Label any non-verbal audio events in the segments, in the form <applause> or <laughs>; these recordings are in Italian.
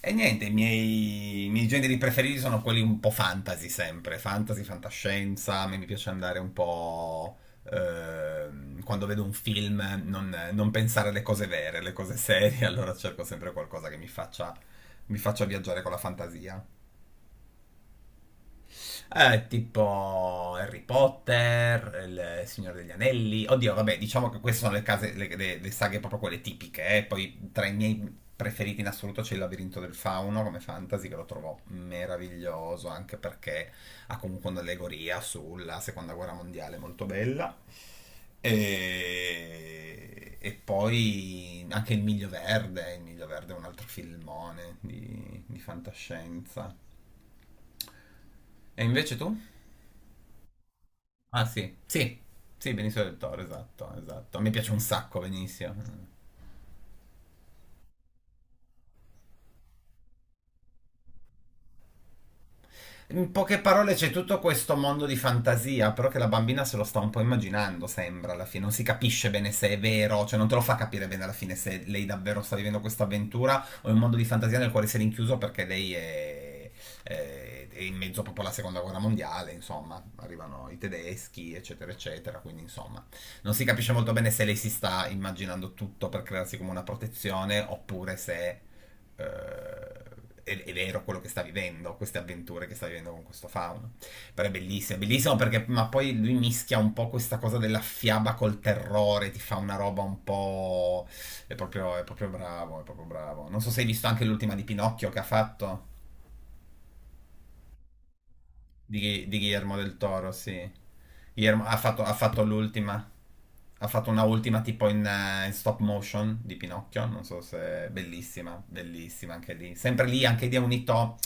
E niente, i miei generi preferiti sono quelli un po' fantasy sempre, fantasy, fantascienza, a me mi piace andare un po'... quando vedo un film non pensare alle cose vere, alle cose serie, <laughs> allora cerco sempre qualcosa che mi faccia viaggiare con la fantasia. Tipo Harry Potter, Il Signore degli Anelli. Oddio, vabbè, diciamo che queste sono le, case, le saghe proprio quelle tipiche. Poi tra i miei preferiti in assoluto c'è Il Labirinto del Fauno come fantasy, che lo trovo meraviglioso anche perché ha comunque un'allegoria sulla seconda guerra mondiale molto bella. E poi anche Il Miglio Verde. Il Miglio Verde è un altro filmone di fantascienza. E invece tu? Ah sì, sì, sì, Benicio del Toro, esatto, esatto. Mi piace un sacco Benicio. In poche parole c'è tutto questo mondo di fantasia, però che la bambina se lo sta un po' immaginando, sembra alla fine, non si capisce bene se è vero, cioè non te lo fa capire bene alla fine se lei davvero sta vivendo questa avventura o è un mondo di fantasia nel quale si è rinchiuso perché lei è, è in mezzo proprio alla seconda guerra mondiale, insomma, arrivano i tedeschi, eccetera, eccetera, quindi insomma, non si capisce molto bene se lei si sta immaginando tutto per crearsi come una protezione oppure se eh, è vero quello che sta vivendo, queste avventure che sta vivendo con questo fauno. Però è bellissimo perché, ma poi lui mischia un po' questa cosa della fiaba col terrore, ti fa una roba un po'... è proprio bravo, è proprio bravo. Non so se hai visto anche l'ultima di Pinocchio che ha fatto. Di Guillermo del Toro, sì. Ha fatto l'ultima. Ha fatto una ultima tipo in stop motion di Pinocchio. Non so se è bellissima, bellissima anche lì. Sempre lì, anche lì ha unito.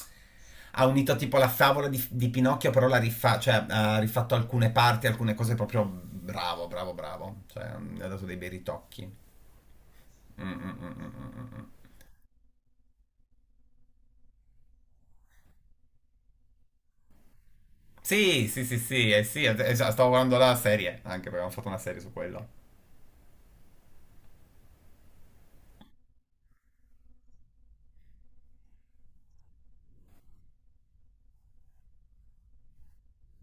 Ha unito tipo la favola di Pinocchio, però cioè, ha rifatto alcune parti, alcune cose proprio bravo, bravo, bravo. Cioè, ha dato dei bei ritocchi. Mm, mm, mm, mm, mm, mm. Mm. Sì, sì, sì, sì, sì, già, stavo guardando la serie, anche perché abbiamo fatto una serie su quello.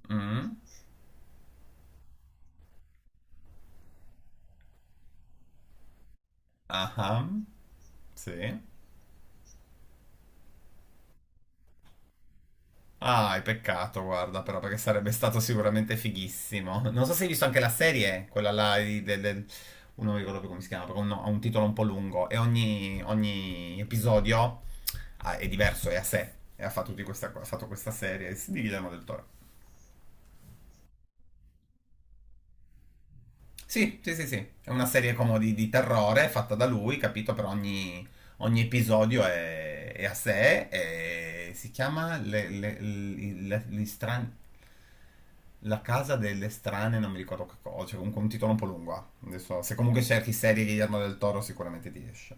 Mm. Ah, sì. Ah, è peccato, guarda, però, perché sarebbe stato sicuramente fighissimo. Non so se hai visto anche la serie, quella là oh, non mi ricordo più come si chiama, però no, ha un titolo un po' lungo e ogni episodio è diverso, è a sé. E ha fatto questa serie, si divide del Toro. Sì, sì, sì, sì. È una serie come di terrore fatta da lui, capito? Per ogni episodio è a sé e si chiama La casa delle strane, non mi ricordo che cosa, cioè comunque un titolo un po' lungo. Ah. Adesso, se comunque cerchi serie Guillermo del Toro sicuramente ti esce.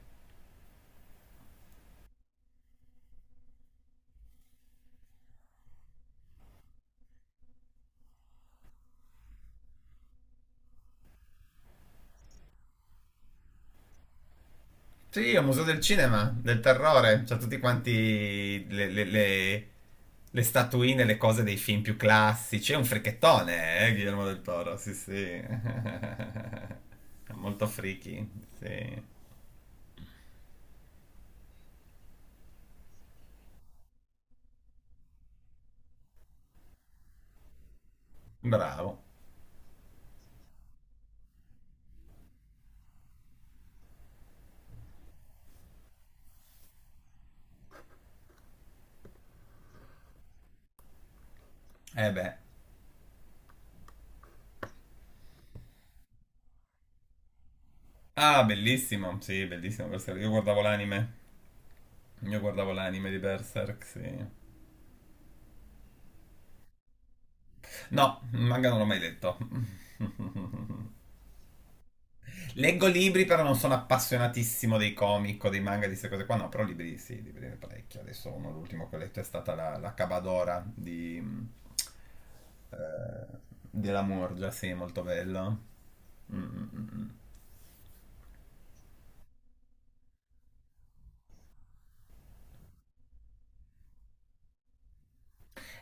Sì, è un museo del cinema, del terrore. C'ha tutti quanti le statuine, le cose dei film più classici. È un frichettone, Guillermo del Toro. Sì, sì. <laughs> È molto friki. Sì. Bravo. Eh beh. Ah, bellissimo. Sì, bellissimo Berserk. Io guardavo l'anime. Io guardavo l'anime di Berserk, sì. No, il manga non l'ho mai letto. <laughs> Leggo libri, però non sono appassionatissimo dei comic o dei manga, di queste cose qua. No, però libri sì, libri ne parecchio. Adesso uno, l'ultimo che ho letto è stata la Cabadora di... eh, della Morgia, sì, molto bello. Mm, mm, mm. Mm.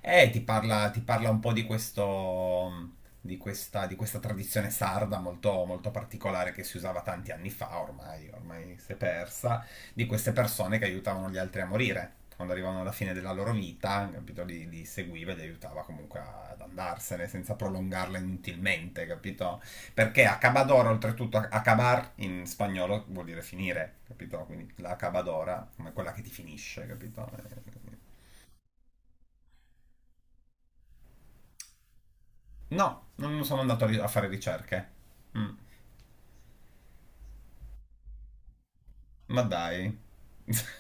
E ti parla un po' di questo, di questa tradizione sarda molto, molto particolare che si usava tanti anni fa, ormai, ormai si è persa, di queste persone che aiutavano gli altri a morire. Quando arrivavano alla fine della loro vita, capito, li seguiva e li aiutava comunque ad andarsene senza prolungarla inutilmente, capito? Perché acabadora, oltretutto, acabar in spagnolo vuol dire finire, capito? Quindi la acabadora, come quella che ti finisce, capito? No, non sono andato a fare ricerche. Mm, ma dai. <laughs>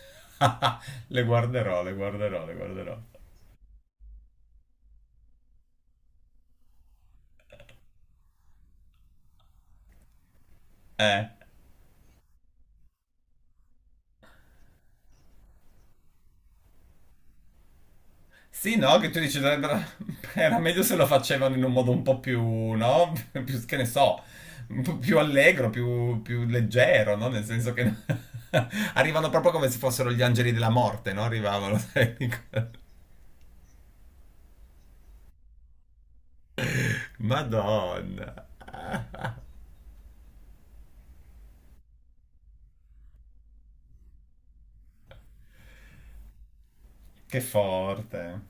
Le guarderò, le guarderò, le guarderò. Eh. Sì, no, che tu dici, dovrebbero- <laughs> era meglio se lo facevano in un modo un po' più, no? <laughs> Più, che ne so, un po' più allegro, più, più leggero, no? Nel senso che <laughs> arrivano proprio come se fossero gli angeli della morte, no? Arrivavano, <laughs> sai? Madonna, che forte.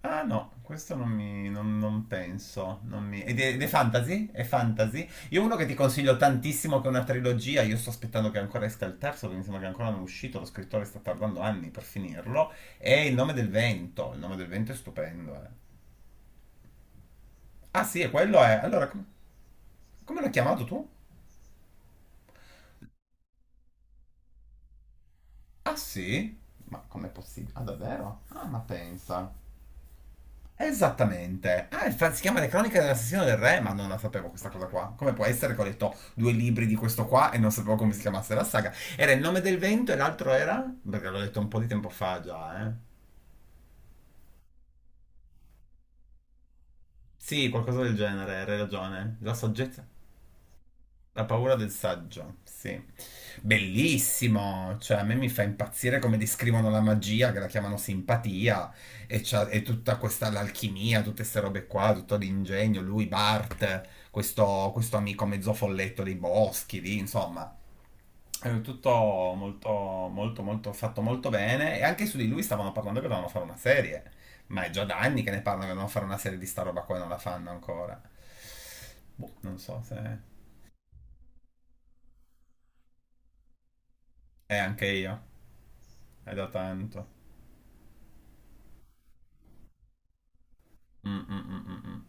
Ah no, questo non mi... non penso. Non mi... Ed è fantasy? È fantasy? Io uno che ti consiglio tantissimo, che è una trilogia, io sto aspettando che ancora esca il terzo, perché mi sembra che ancora non è uscito, lo scrittore sta tardando anni per finirlo, è Il nome del vento. Il nome del vento è stupendo, eh. Ah sì, e quello è... Allora, come l'hai chiamato tu? Ah sì? Ma com'è possibile? Ah davvero? Ah, ma pensa. Esattamente. Ah, infatti si chiama Le Cronache dell'Assassino del Re, ma non la sapevo questa cosa qua. Come può essere che ho letto due libri di questo qua e non sapevo come si chiamasse la saga? Era Il nome del vento e l'altro era? Perché l'ho letto un po' di tempo fa già, eh. Sì, qualcosa del genere, hai ragione. La saggezza. La paura del saggio, sì. Bellissimo, cioè a me mi fa impazzire come descrivono la magia, che la chiamano simpatia, e, e tutta questa l'alchimia, tutte queste robe qua, tutto l'ingegno, lui, Bart, questo amico mezzo folletto dei boschi, lì, insomma. È tutto molto, molto, molto fatto molto bene, e anche su di lui stavano parlando che dovevano fare una serie, ma è già da anni che ne parlano che dovevano fare una serie di sta roba qua e non la fanno ancora. Boh, non so se... E anche io. È da tanto. Mm, mm, mm, mm, mm.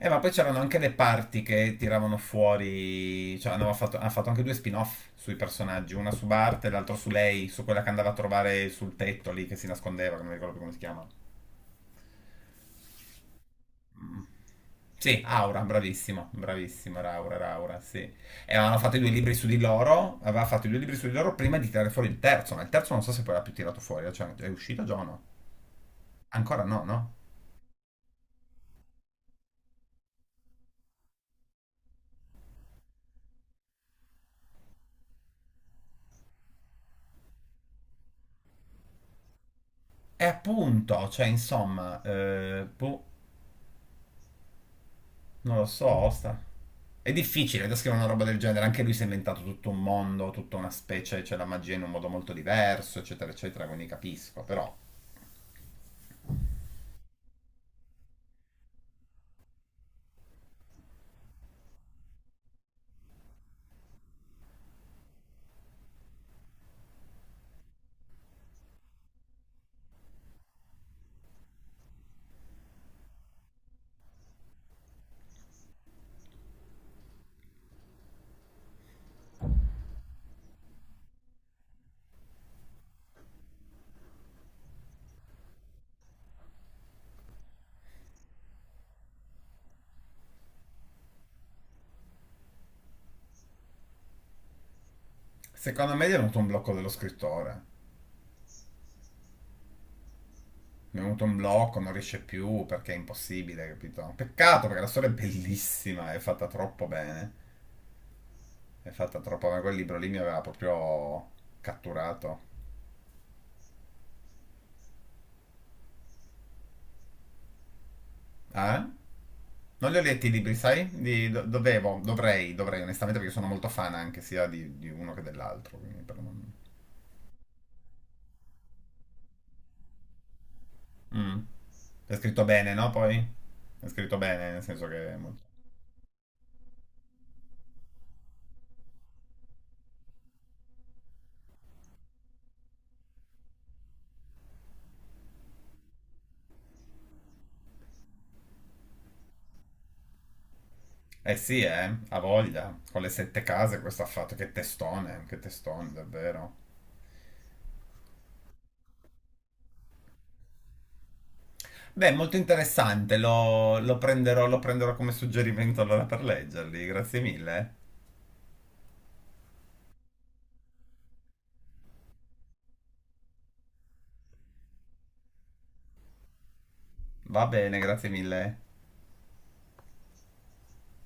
Ma poi c'erano anche le parti che tiravano fuori, cioè hanno fatto anche due spin-off sui personaggi, una su Bart e l'altra su lei, su quella che andava a trovare sul tetto lì che si nascondeva, che non mi ricordo più come si chiama. Mm. Sì, Aura, bravissimo, bravissimo, era Aura, sì. E avevano fatto i due libri su di loro, aveva fatto i due libri su di loro prima di tirare fuori il terzo, ma il terzo non so se poi l'ha più tirato fuori, cioè è uscito già o no? Ancora no, no? E appunto, cioè insomma, boh. Non lo so, Osta. È difficile da scrivere una roba del genere, anche lui si è inventato tutto un mondo, tutta una specie, c'è la magia in un modo molto diverso, eccetera, eccetera, quindi capisco, però secondo me gli è venuto un blocco dello scrittore. Mi è venuto un blocco, non riesce più perché è impossibile, capito? Peccato perché la storia è bellissima, è fatta troppo bene, è fatta troppo bene, quel libro lì mi aveva proprio catturato. Ah? Non li ho letti i libri, sai? Dovevo, dovrei, onestamente, perché sono molto fan anche sia di uno che dell'altro. Quindi per non... Mm. È scritto bene, no? Poi? È scritto bene, nel senso che... è molto- Eh sì, ha voglia. Con le sette case questo ha fatto. Che testone, davvero. Beh, molto interessante, lo prenderò come suggerimento allora per leggerli. Grazie mille. Va bene, grazie mille.